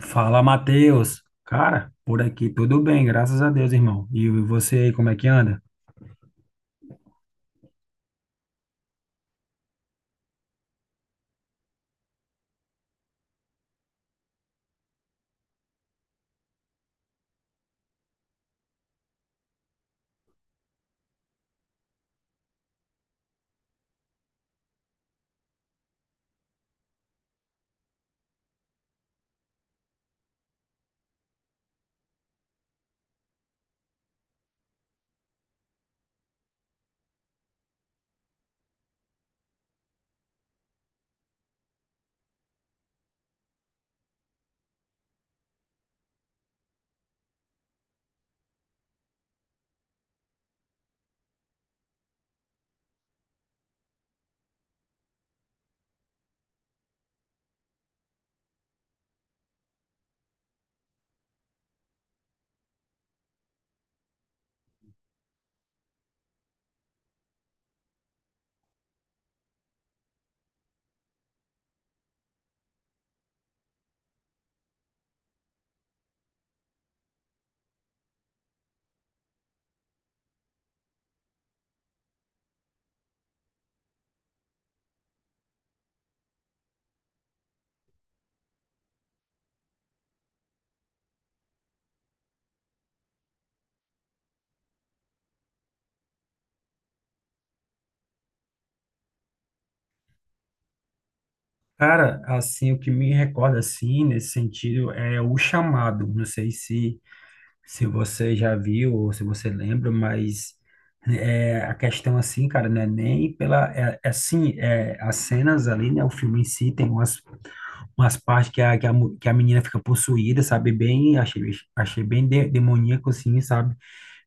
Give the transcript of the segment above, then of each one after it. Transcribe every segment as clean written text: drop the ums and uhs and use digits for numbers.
Fala, Matheus. Cara, por aqui tudo bem, graças a Deus, irmão. E você aí, como é que anda? Cara, assim, o que me recorda, assim, nesse sentido, é O Chamado. Não sei se você já viu ou se você lembra, mas a questão assim, cara, não é nem pela, as cenas ali, né, o filme em si tem umas partes que a, que a menina fica possuída, sabe, bem, achei bem demoníaco, assim, sabe,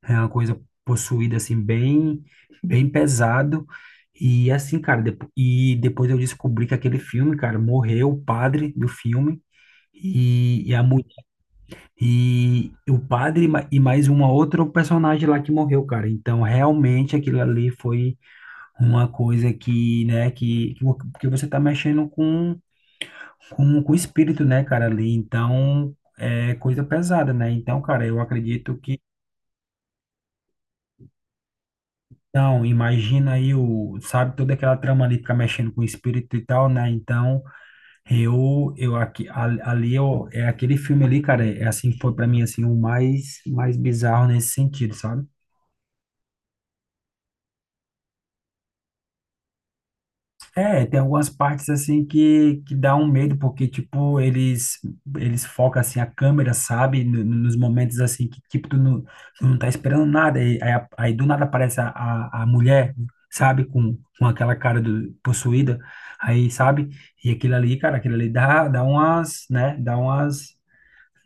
é uma coisa possuída, assim, bem, bem pesado. E assim, cara, e depois eu descobri que aquele filme, cara, morreu o padre do filme, e a mulher e o padre, e mais uma outra personagem lá que morreu, cara. Então, realmente aquilo ali foi uma coisa que, né, que você tá mexendo com o espírito, né, cara, ali. Então, é coisa pesada, né? Então, cara, eu acredito que... Então, imagina aí o, sabe, toda aquela trama ali ficar mexendo com o espírito e tal, né? Então, eu aqui, a- ali, eu, é aquele filme ali, cara, é assim, foi pra mim, assim, o mais, mais bizarro nesse sentido, sabe? É, tem algumas partes assim que dá um medo, porque, tipo, eles focam, assim, a câmera, sabe? Nos momentos, assim, que, tipo, tu não tá esperando nada, e, aí, aí do nada aparece a mulher, sabe? Com, aquela cara do, possuída, aí, sabe? E aquilo ali, cara, aquilo ali dá umas, né? Dá umas,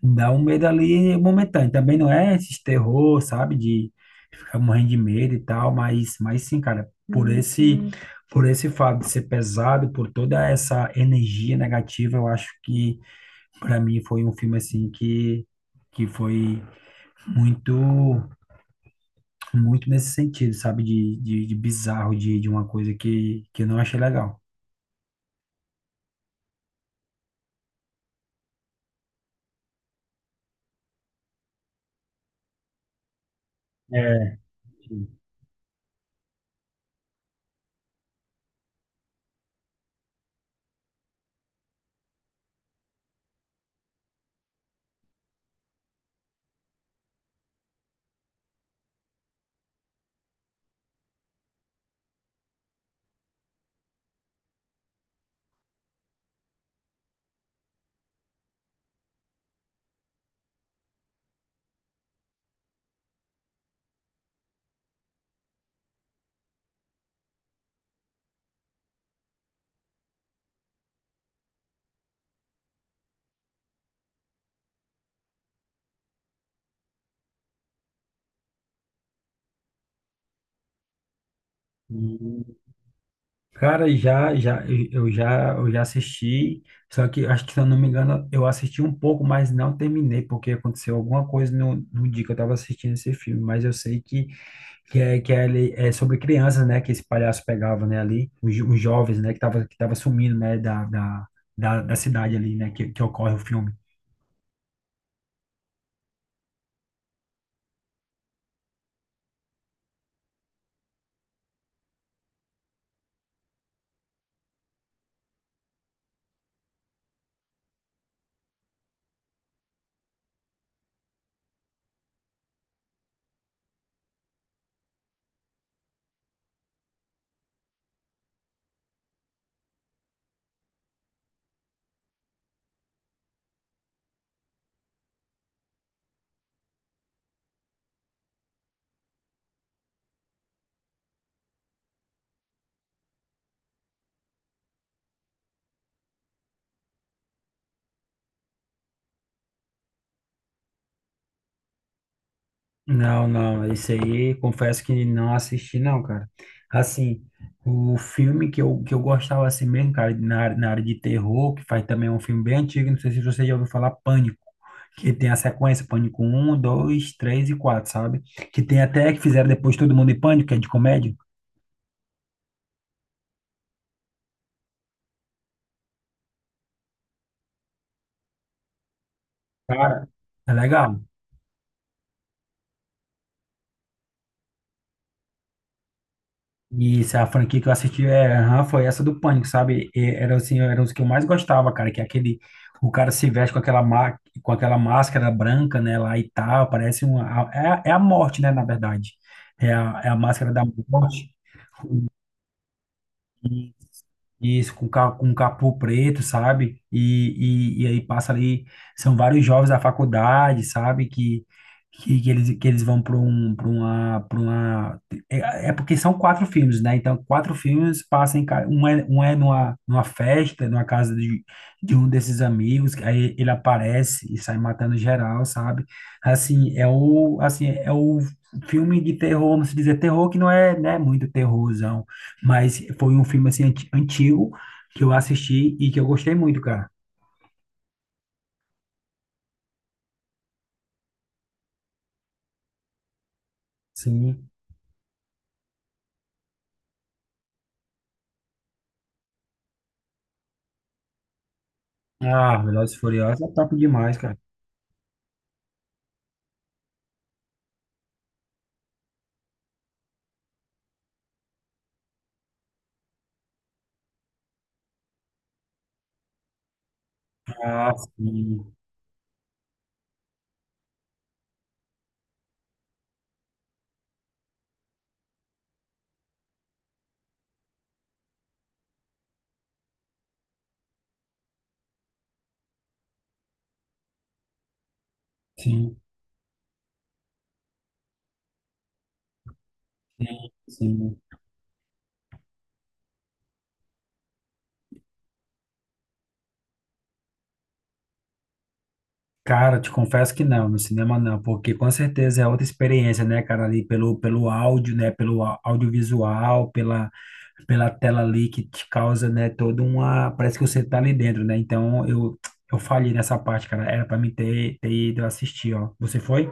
dá um medo ali momentâneo. Também não é esse terror, sabe? Ficar morrendo de medo e tal, mas, sim, cara, por uhum, por esse fato de ser pesado, por toda essa energia negativa, eu acho que para mim foi um filme assim que foi muito, muito nesse sentido, sabe, de bizarro, de uma coisa que eu não achei legal. É, cara, já, eu já assisti, só que acho que, se eu não me engano, eu assisti um pouco, mas não terminei, porque aconteceu alguma coisa no dia que eu estava assistindo esse filme, mas eu sei que é, é sobre crianças, né, que esse palhaço pegava, né, ali, os jovens, né, que tava, sumindo, né, da cidade ali, né, que ocorre o filme. Não, não, esse aí confesso que não assisti não, cara. Assim, o filme que eu, gostava assim mesmo, cara, na área de terror, que faz também um filme bem antigo, não sei se você já ouviu falar, Pânico, que tem a sequência Pânico um, 2, 3 e 4, sabe? Que tem até que fizeram depois Todo Mundo em Pânico, que é de comédia. Cara, é legal. E se a franquia que eu assisti é, aham, foi essa do Pânico, sabe? E era assim, era os que eu mais gostava, cara, que é aquele, o cara se veste com aquela, com aquela máscara branca, né, lá e tal, parece uma, é a morte, né, na verdade. É a máscara da morte. Isso, com, com capô preto, sabe? E, e aí passa ali, são vários jovens da faculdade, sabe? Que eles, vão para um, para uma... É, porque são quatro filmes, né? Então, quatro filmes passam em... Um é, numa, festa, numa casa de um desses amigos, que aí ele aparece e sai matando geral, sabe? Assim, é o filme de terror, vamos dizer, terror que não é, né, muito terrorzão. Mas foi um filme assim antigo que eu assisti e que eu gostei muito, cara. Sim. Ah, Velozes e Furiosos é top demais, cara. Ah, sim. Sim, sim, sim. Cara, te confesso que não, no cinema não, porque com certeza é outra experiência, né, cara, ali pelo áudio, né, pelo audiovisual, pela tela ali que te causa, né, toda uma, parece que você tá ali dentro, né? Então eu, falhei nessa parte, cara. Era pra mim ter ido assistir, ó. Você foi?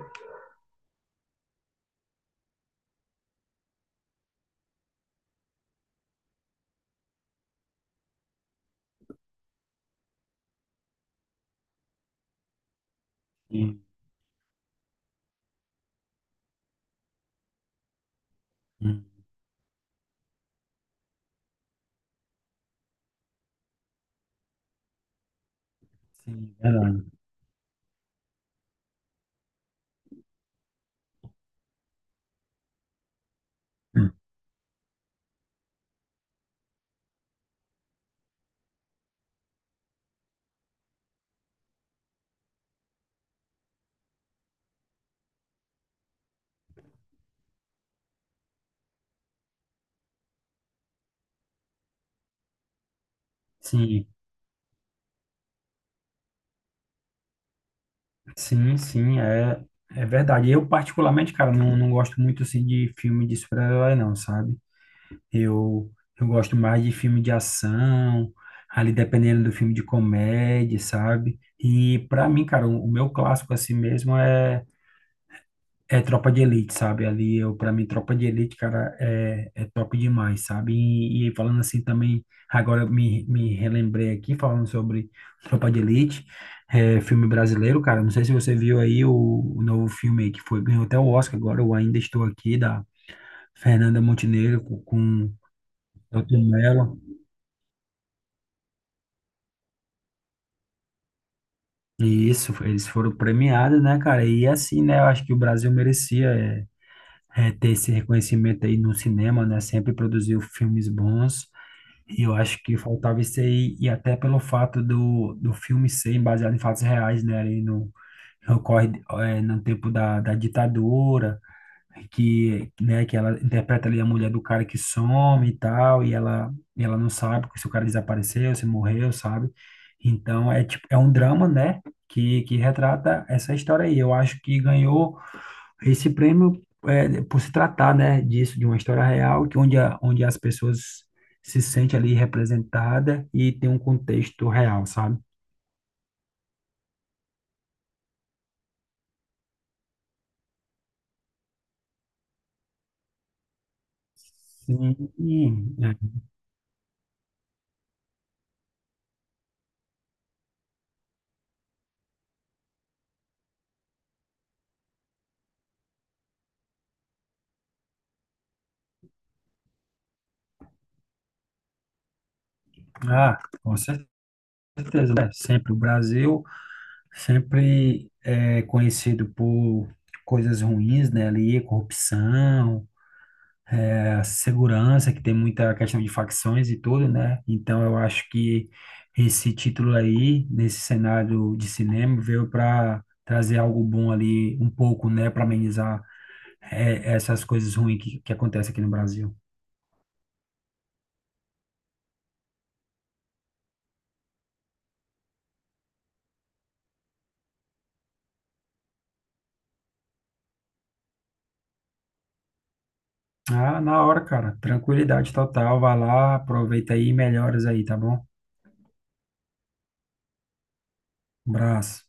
Sim. Sim, verdade. Sim, sim, sim, é, verdade. Eu, particularmente, cara, não gosto muito, assim, de filme de super-herói, não, sabe? Eu, eu gosto mais de filme de ação, ali dependendo do filme de comédia, sabe? E, pra mim, cara, o meu clássico, assim mesmo, é Tropa de Elite, sabe? Ali eu, para mim, Tropa de Elite, cara, é top demais, sabe? E, falando assim também, agora eu, me relembrei aqui falando sobre Tropa de Elite, é, filme brasileiro, cara. Não sei se você viu aí o novo filme aí que foi, ganhou até o Oscar agora, Eu Ainda Estou Aqui, da Fernanda Montenegro com, Elton Mello. E isso, eles foram premiados, né, cara? E assim, né, eu acho que o Brasil merecia, é, ter esse reconhecimento aí no cinema, né? Sempre produziu filmes bons. E eu acho que faltava isso aí, e até pelo fato do filme ser baseado em fatos reais, né? Ali no, ocorre, é, no tempo da ditadura, que, né, que ela interpreta ali a mulher do cara que some e tal, e ela, não sabe se o cara desapareceu, se morreu, sabe? Então é tipo, é um drama, né? Que retrata essa história aí. Eu acho que ganhou esse prêmio, é, por se tratar, né, disso, de uma história real, que onde, a, onde as pessoas se sentem ali representadas e tem um contexto real, sabe? Sim, é. Ah, com certeza, né? Sempre o Brasil, sempre é conhecido por coisas ruins, né? Ali, corrupção, segurança, que tem muita questão de facções e tudo, né? Então eu acho que esse título aí, nesse cenário de cinema, veio para trazer algo bom ali, um pouco, né, para amenizar, é, essas coisas ruins que acontecem aqui no Brasil. Ah, na hora, cara. Tranquilidade total. Vai lá, aproveita aí e melhoras aí, tá bom? Um abraço.